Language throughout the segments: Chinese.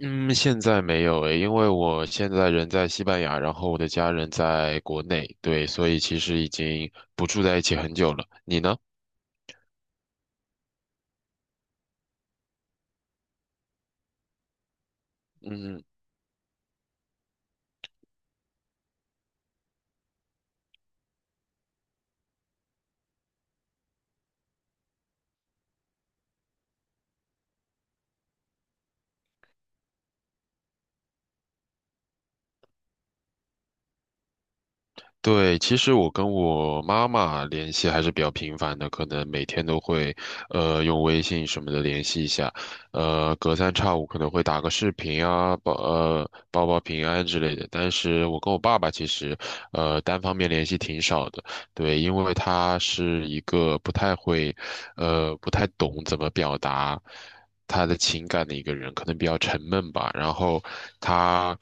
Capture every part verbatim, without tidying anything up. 嗯，现在没有诶，因为我现在人在西班牙，然后我的家人在国内，对，所以其实已经不住在一起很久了。你呢？嗯。对，其实我跟我妈妈联系还是比较频繁的，可能每天都会，呃，用微信什么的联系一下，呃，隔三差五可能会打个视频啊，报呃报报平安之类的。但是我跟我爸爸其实，呃，单方面联系挺少的，对，因为他是一个不太会，呃，不太懂怎么表达他的情感的一个人，可能比较沉闷吧。然后他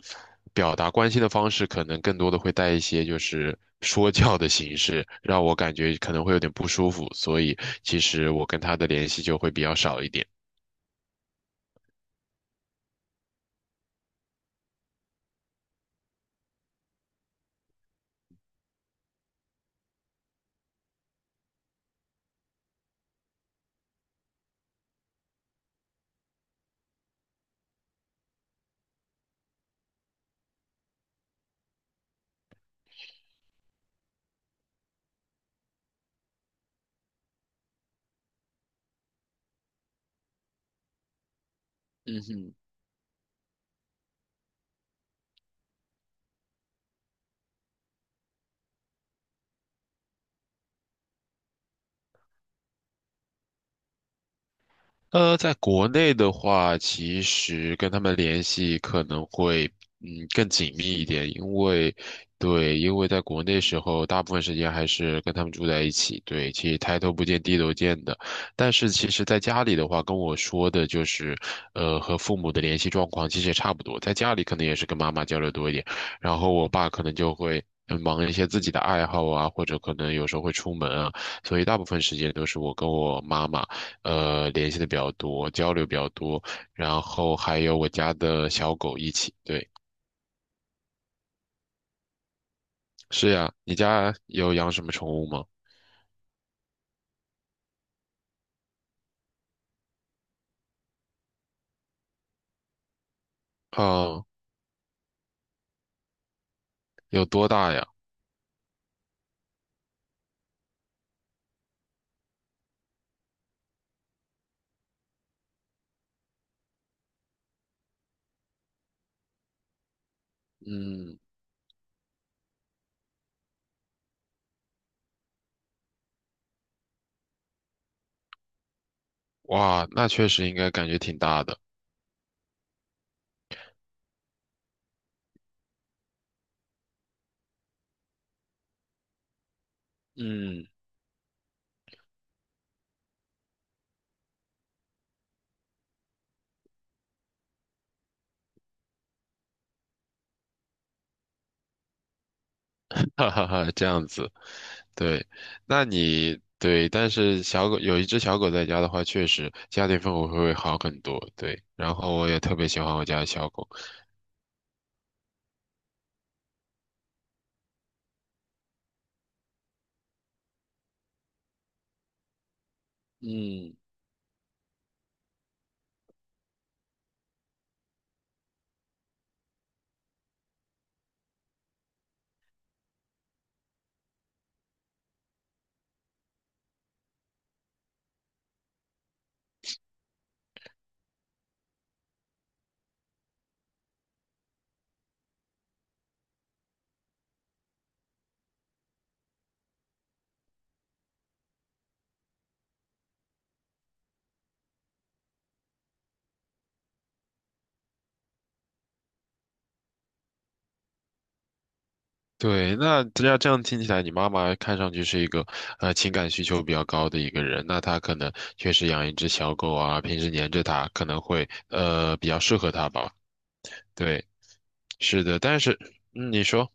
表达关心的方式，可能更多的会带一些就是说教的形式，让我感觉可能会有点不舒服。所以其实我跟他的联系就会比较少一点。嗯哼。呃，在国内的话，其实跟他们联系可能会嗯更紧密一点，因为对，因为在国内时候，大部分时间还是跟他们住在一起，对，其实抬头不见低头见的。但是其实在家里的话，跟我说的就是，呃，和父母的联系状况其实也差不多，在家里可能也是跟妈妈交流多一点，然后我爸可能就会嗯忙一些自己的爱好啊，或者可能有时候会出门啊，所以大部分时间都是我跟我妈妈呃联系的比较多，交流比较多，然后还有我家的小狗一起。对，是呀，你家有养什么宠物吗？哦，有多大呀？嗯，哇，那确实应该感觉挺大的。嗯，哈哈哈，这样子，对，那你对，但是小狗有一只小狗在家的话，确实家庭氛围会好很多。对，然后我也特别喜欢我家的小狗。嗯。对，那这样这样听起来，你妈妈看上去是一个呃情感需求比较高的一个人，那她可能确实养一只小狗啊，平时黏着它，可能会呃比较适合她吧。对，是的，但是嗯，你说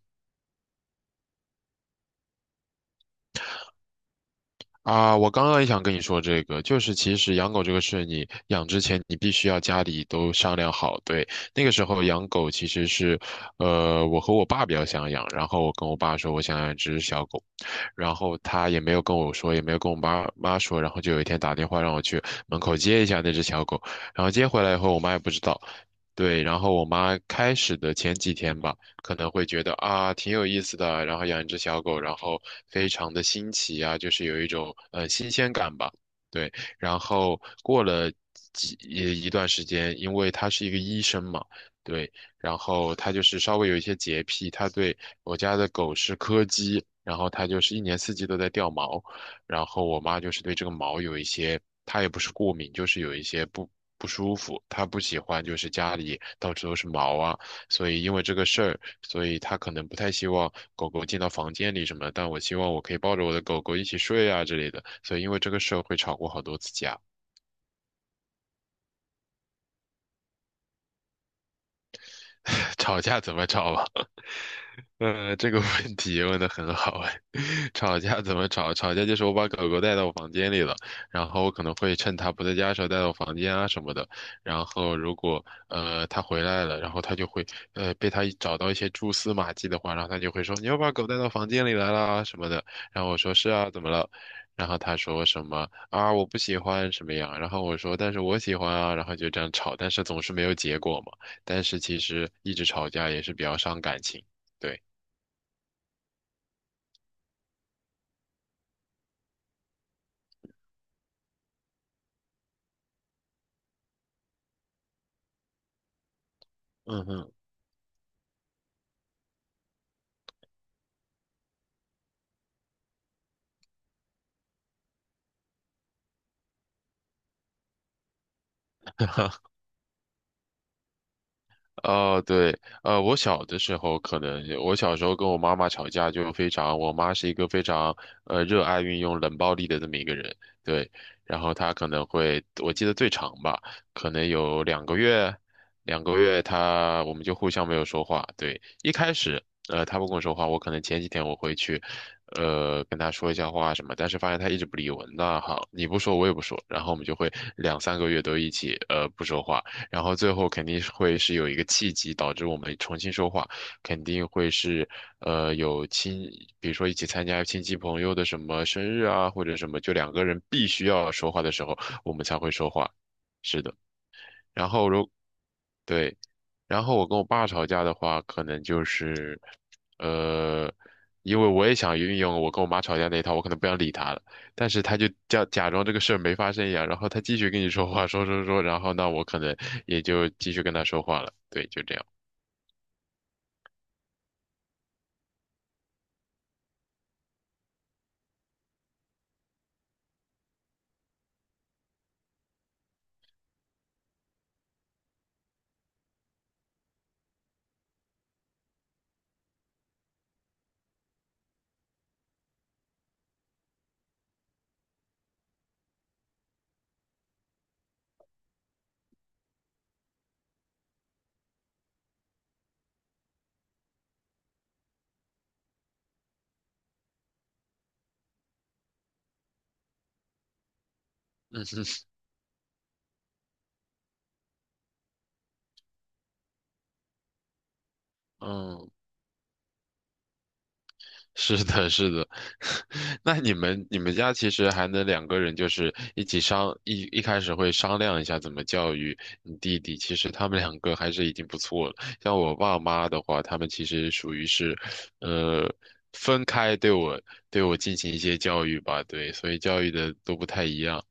啊，我刚刚也想跟你说这个，就是其实养狗这个事，你养之前你必须要家里都商量好。对，那个时候养狗其实是，呃，我和我爸比较想养，然后我跟我爸说我想养一只小狗。然后他也没有跟我说，也没有跟我妈妈说，然后就有一天打电话让我去门口接一下那只小狗，然后接回来以后，我妈也不知道。对，然后我妈开始的前几天吧，可能会觉得啊挺有意思的，然后养一只小狗，然后非常的新奇啊，就是有一种呃新鲜感吧。对，然后过了几一一段时间，因为他是一个医生嘛，对，然后它就是稍微有一些洁癖，它对我家的狗是柯基，然后它就是一年四季都在掉毛，然后我妈就是对这个毛有一些，她也不是过敏，就是有一些不不舒服，她不喜欢就是家里到处都是毛啊，所以因为这个事儿，所以她可能不太希望狗狗进到房间里什么但我希望我可以抱着我的狗狗一起睡啊之类的，所以因为这个事儿会吵过好多次架。吵架怎么吵吧？呃，这个问题问的很好哎。吵架怎么吵？吵架就是我把狗狗带到我房间里了，然后我可能会趁它不在家的时候带到房间啊什么的。然后如果呃它回来了，然后它就会呃被它找到一些蛛丝马迹的话，然后它就会说你又把狗带到房间里来啦啊什么的。然后我说是啊，怎么了？然后他说什么啊我不喜欢什么样，然后我说但是我喜欢啊，然后就这样吵，但是总是没有结果嘛。但是其实一直吵架也是比较伤感情，对。嗯哼。哦对，呃，我小的时候可能是我小时候跟我妈妈吵架就非常，我妈是一个非常呃热爱运用冷暴力的这么一个人，对，然后她可能会，我记得最长吧，可能有两个月，两个月她我们就互相没有说话，对，一开始呃她不跟我说话，我可能前几天我会去，呃跟她说一下话什么，但是发现她一直不理我，那好，你不说我也不说，然后我们就会两三个月都一起呃不说话。然后最后肯定是会是有一个契机导致我们重新说话，肯定会是呃有亲，比如说一起参加亲戚朋友的什么生日啊，或者什么，就两个人必须要说话的时候，我们才会说话。是的，然后如对，然后我跟我爸吵架的话，可能就是，呃，因为我也想运用我跟我妈吵架那一套，我可能不想理他了，但是他就叫假装这个事儿没发生一样，然后他继续跟你说话，说说说，然后那我可能也就继续跟他说话了，对，就这样。嗯哼，嗯，是的，是的。那你们你们家其实还能两个人就是一起商一一开始会商量一下怎么教育你弟弟。其实他们两个还是已经不错了。像我爸妈的话，他们其实属于是，呃，分开对我对我进行一些教育吧，对，所以教育的都不太一样。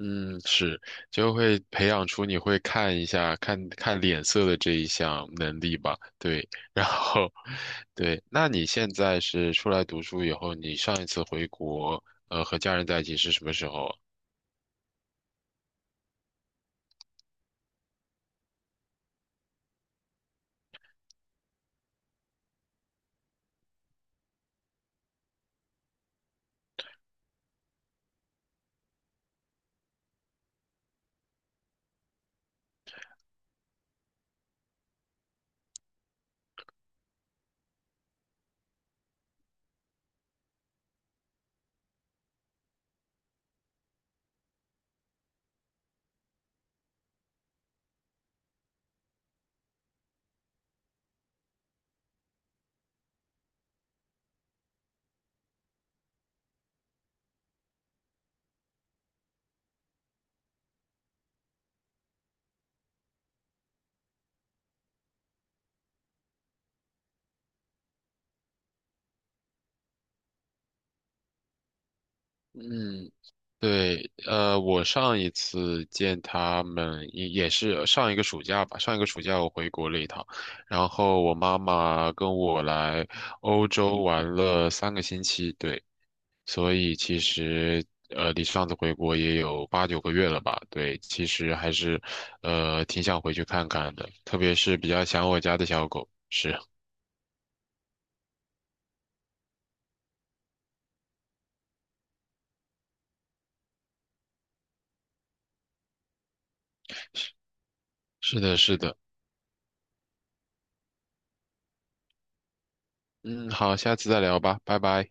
嗯，是，就会培养出你会看一下、看看脸色的这一项能力吧。对，然后，对，那你现在是出来读书以后，你上一次回国，呃，和家人在一起是什么时候啊？嗯，对，呃，我上一次见他们也也是上一个暑假吧，上一个暑假我回国了一趟，然后我妈妈跟我来欧洲玩了三个星期，对。所以其实呃，离上次回国也有八九个月了吧？对，其实还是呃挺想回去看看的，特别是比较想我家的小狗。是，是的，是的。嗯，好，下次再聊吧，拜拜。